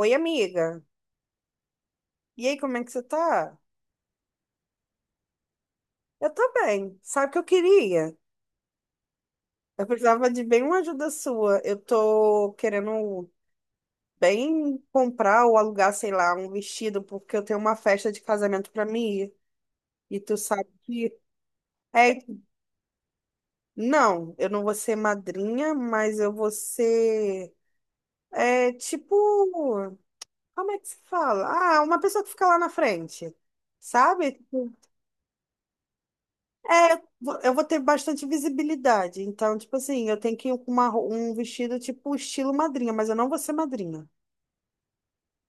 Oi, amiga. E aí, como é que você tá? Eu tô bem. Sabe o que eu queria? Eu precisava de bem uma ajuda sua. Eu tô querendo bem comprar ou alugar, sei lá, um vestido, porque eu tenho uma festa de casamento pra mim ir. E tu sabe que... É, não, eu não vou ser madrinha, mas eu vou ser... É, tipo... Como é que se fala? Ah, uma pessoa que fica lá na frente, sabe? É, eu vou ter bastante visibilidade. Então, tipo assim, eu tenho que ir com um vestido tipo estilo madrinha, mas eu não vou ser madrinha,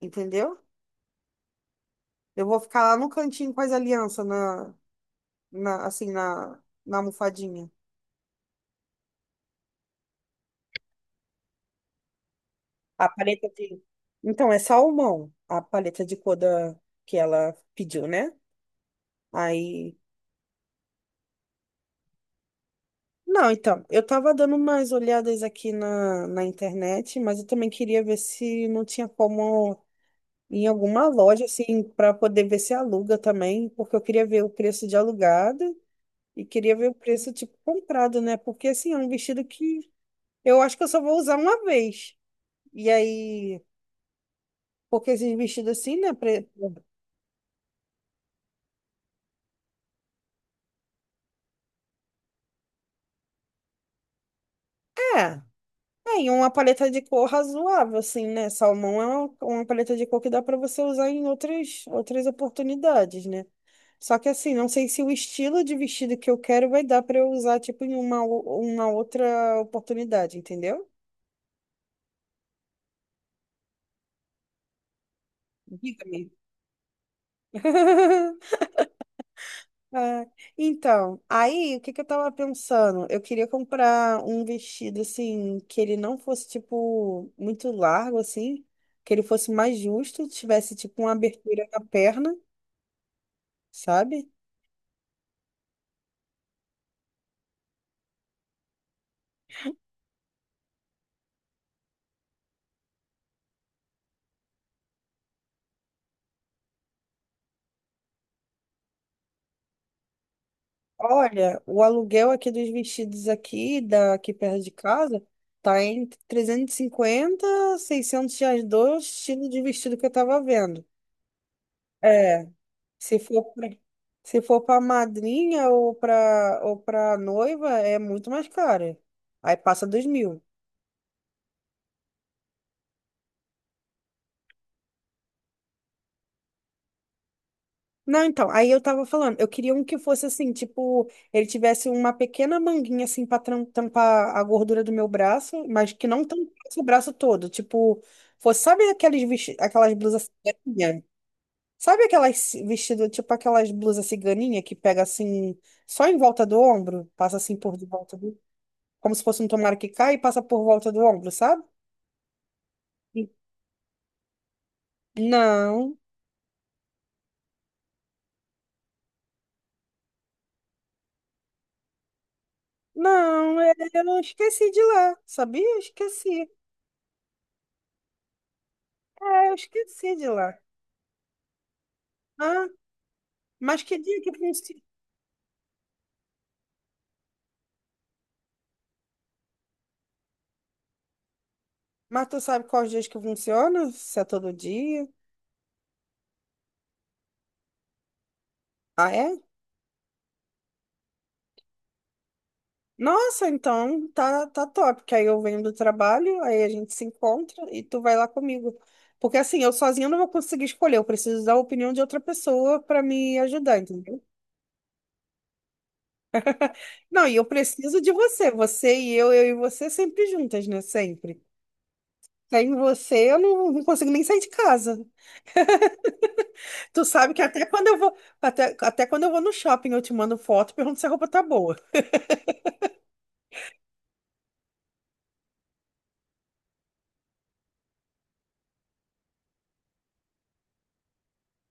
entendeu? Eu vou ficar lá no cantinho com as alianças na assim, na almofadinha. A paleta de... Então, é salmão, a paleta de cor da... que ela pediu, né? Aí... Não, então, eu tava dando umas olhadas aqui na internet, mas eu também queria ver se não tinha como em alguma loja, assim, para poder ver se aluga também, porque eu queria ver o preço de alugado e queria ver o preço, tipo, comprado, né? Porque, assim, é um vestido que eu acho que eu só vou usar uma vez. E aí, porque esses vestidos assim, né? É, é, e uma paleta de cor razoável, assim, né? Salmão é uma paleta de cor que dá para você usar em outras oportunidades, né? Só que assim, não sei se o estilo de vestido que eu quero vai dar para eu usar, tipo, em uma outra oportunidade, entendeu? Diga-me. Ah, então, aí o que que eu tava pensando? Eu queria comprar um vestido assim, que ele não fosse tipo muito largo assim, que ele fosse mais justo, tivesse tipo uma abertura na perna, sabe? Olha, o aluguel aqui dos vestidos aqui, daqui perto de casa, tá entre 350, R$ 600 dois estilo de vestido que eu tava vendo. É. Se for pra, se for para madrinha ou para noiva, é muito mais cara. Aí passa 2.000. Não, então, aí eu tava falando, eu queria um que fosse assim, tipo, ele tivesse uma pequena manguinha assim para tampar a gordura do meu braço, mas que não tampasse o braço todo, tipo, fosse, sabe aquelas blusas ciganinha? Sabe aquelas vestido, tipo aquelas blusas ciganinha que pega assim só em volta do ombro, passa assim por de volta do como se fosse um tomara que cai e passa por volta do ombro, sabe? Não, não, eu esqueci de lá, sabia? Eu esqueci de lá. Ah, mas que dia que funciona? Mas tu sabe quais dias que funciona? Se é todo dia? Ah, é? Nossa, então tá, tá top, que aí eu venho do trabalho, aí a gente se encontra e tu vai lá comigo. Porque assim, eu sozinha não vou conseguir escolher, eu preciso da opinião de outra pessoa para me ajudar. Não, e eu preciso de você. Você e eu e você sempre juntas, né? Sempre. Sem você, eu não consigo nem sair de casa. Tu sabe que até quando eu vou, até quando eu vou no shopping, eu te mando foto e pergunto se a roupa tá boa.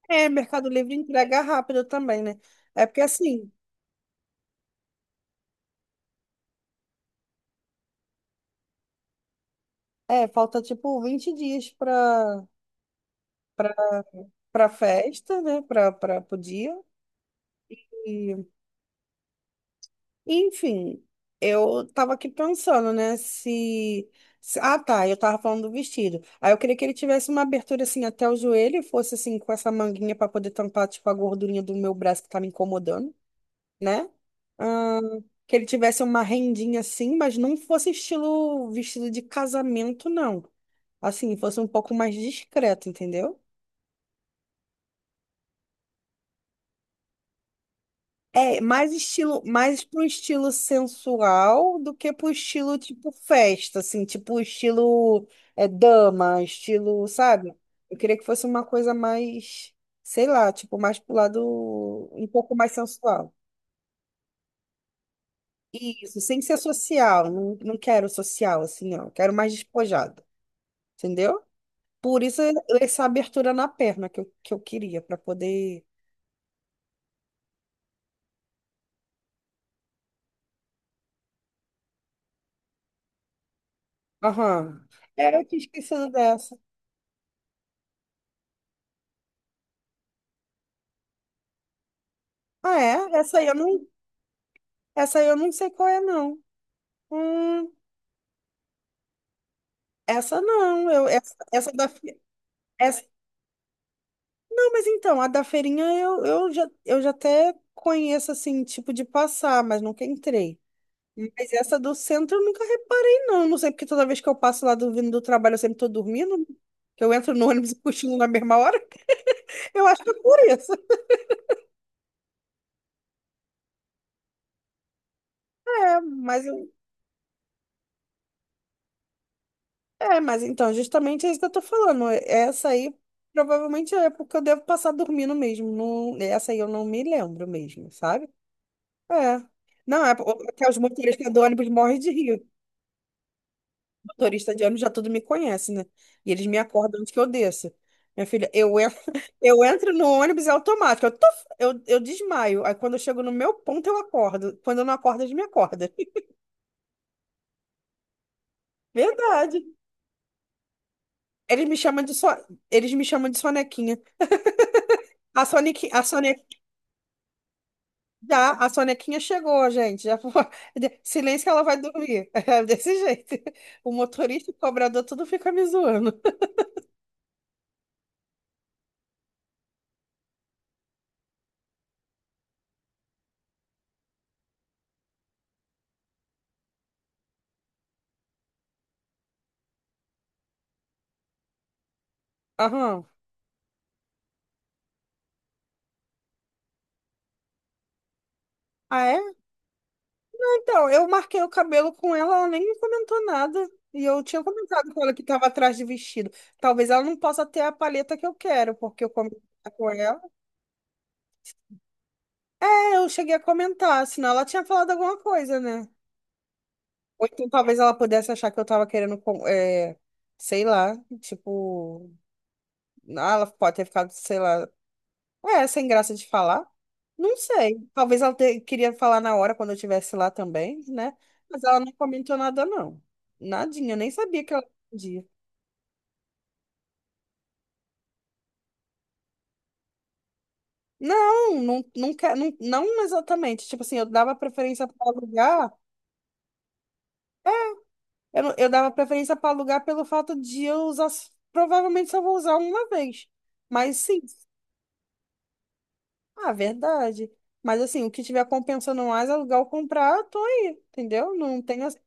É, Mercado Livre entrega rápido também, né? É porque assim, é, falta tipo 20 dias pra, pra festa, né? Pro dia. E Enfim, eu tava aqui pensando, né, ah, tá, eu tava falando do vestido. Aí eu queria que ele tivesse uma abertura, assim, até o joelho, e fosse, assim, com essa manguinha pra poder tampar, tipo, a gordurinha do meu braço que tá me incomodando, né? Ah, que ele tivesse uma rendinha, assim, mas não fosse estilo vestido de casamento, não. Assim, fosse um pouco mais discreto, entendeu? É, mais estilo, mais pro estilo sensual do que pro estilo tipo festa, assim, tipo estilo dama, estilo, sabe? Eu queria que fosse uma coisa mais, sei lá, tipo, mais pro lado um pouco mais sensual. Isso, sem ser social, não quero social, assim, ó, quero mais despojado, entendeu? Por isso essa abertura na perna que eu queria, pra poder. Aham. É, eu tinha esquecido dessa. Ah, é? Essa aí eu não, essa aí eu não sei qual é, não. Hum, essa não. Eu, essa da. Fe- Essa, não, mas então, a da feirinha eu já até conheço, assim, tipo de passar, mas nunca entrei. Mas essa do centro eu nunca reparei, não. Não sei porque toda vez que eu passo lá vindo do trabalho eu sempre tô dormindo. Que eu entro no ônibus e cochilo na mesma hora. Eu acho que é por isso. É, mas eu, É, mas então, justamente é isso que eu tô falando. Essa aí provavelmente é porque eu devo passar dormindo mesmo. Não, essa aí eu não me lembro mesmo, sabe? É. Não, é porque os motoristas do ônibus morrem de rir. Motorista de ônibus já tudo me conhece, né? E eles me acordam antes que eu desça. Minha filha, eu entro no ônibus, é automático. Eu desmaio. Aí quando eu chego no meu ponto, eu acordo. Quando eu não acordo, eles me acordam. Verdade. Eles me chamam de sonequinha. A Sonequinha. Já, a sonequinha chegou, gente. Já foi. Silêncio que ela vai dormir. É desse jeito. O motorista, o cobrador, tudo fica me zoando. Aham. Ah, é? Então, eu marquei o cabelo com ela, ela nem me comentou nada. E eu tinha comentado com ela que estava atrás de vestido. Talvez ela não possa ter a paleta que eu quero, porque eu comentei com ela. É, eu cheguei a comentar, senão ela tinha falado alguma coisa, né? Ou então talvez ela pudesse achar que eu tava querendo, sei lá, tipo, ah, ela pode ter ficado, sei lá. É, sem graça de falar. Não sei. Talvez ela queria falar na hora quando eu estivesse lá também, né? Mas ela não comentou nada, não. Nadinha, eu nem sabia que ela podia. Não, não, não, não, não exatamente. Tipo assim, eu dava preferência para alugar. Eu, não- eu dava preferência para alugar pelo fato de eu usar. Provavelmente só vou usar uma vez. Mas sim, ah, verdade. Mas assim, o que tiver compensando mais alugar ou comprar, eu tô aí, entendeu? Não tenho.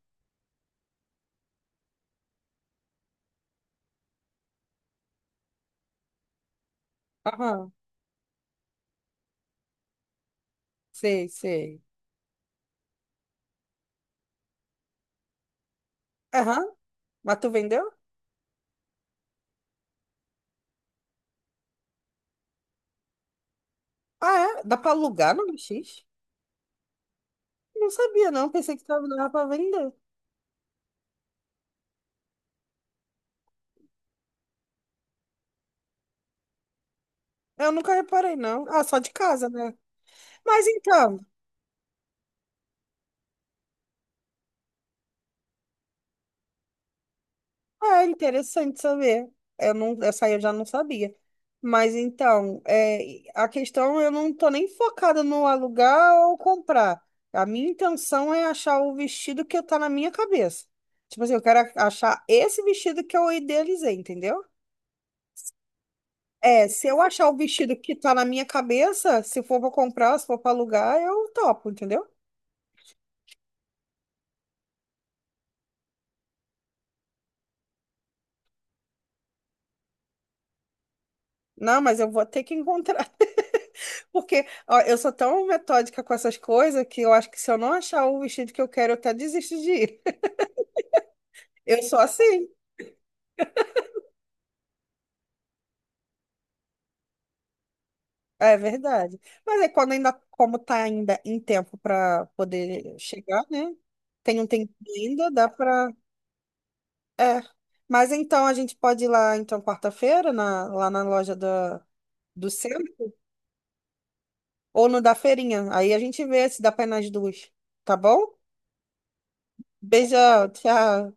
Aham, sei, sei. Aham. Mas tu vendeu? Ah, é? Dá pra alugar no LX? Não sabia, não. Pensei que dava pra vender. Eu nunca reparei, não. Ah, só de casa, né? Mas então, é interessante saber. Eu não, essa aí eu já não sabia. Mas então, a questão eu não tô nem focada no alugar ou comprar. A minha intenção é achar o vestido que tá na minha cabeça. Tipo assim, eu quero achar esse vestido que eu idealizei, entendeu? É, se eu achar o vestido que tá na minha cabeça, se for pra comprar, se for pra alugar, eu topo, entendeu? Não, mas eu vou ter que encontrar. Porque, ó, eu sou tão metódica com essas coisas que eu acho que se eu não achar o vestido que eu quero, eu até desisto de ir. Eu sou assim. É verdade. Mas é quando ainda, como tá ainda em tempo para poder chegar, né? Tem um tempo ainda, dá pra. É. Mas então a gente pode ir lá, então, quarta-feira, lá na loja do centro. Ou no da feirinha. Aí a gente vê se dá pra ir nas duas. Tá bom? Beijão, tchau.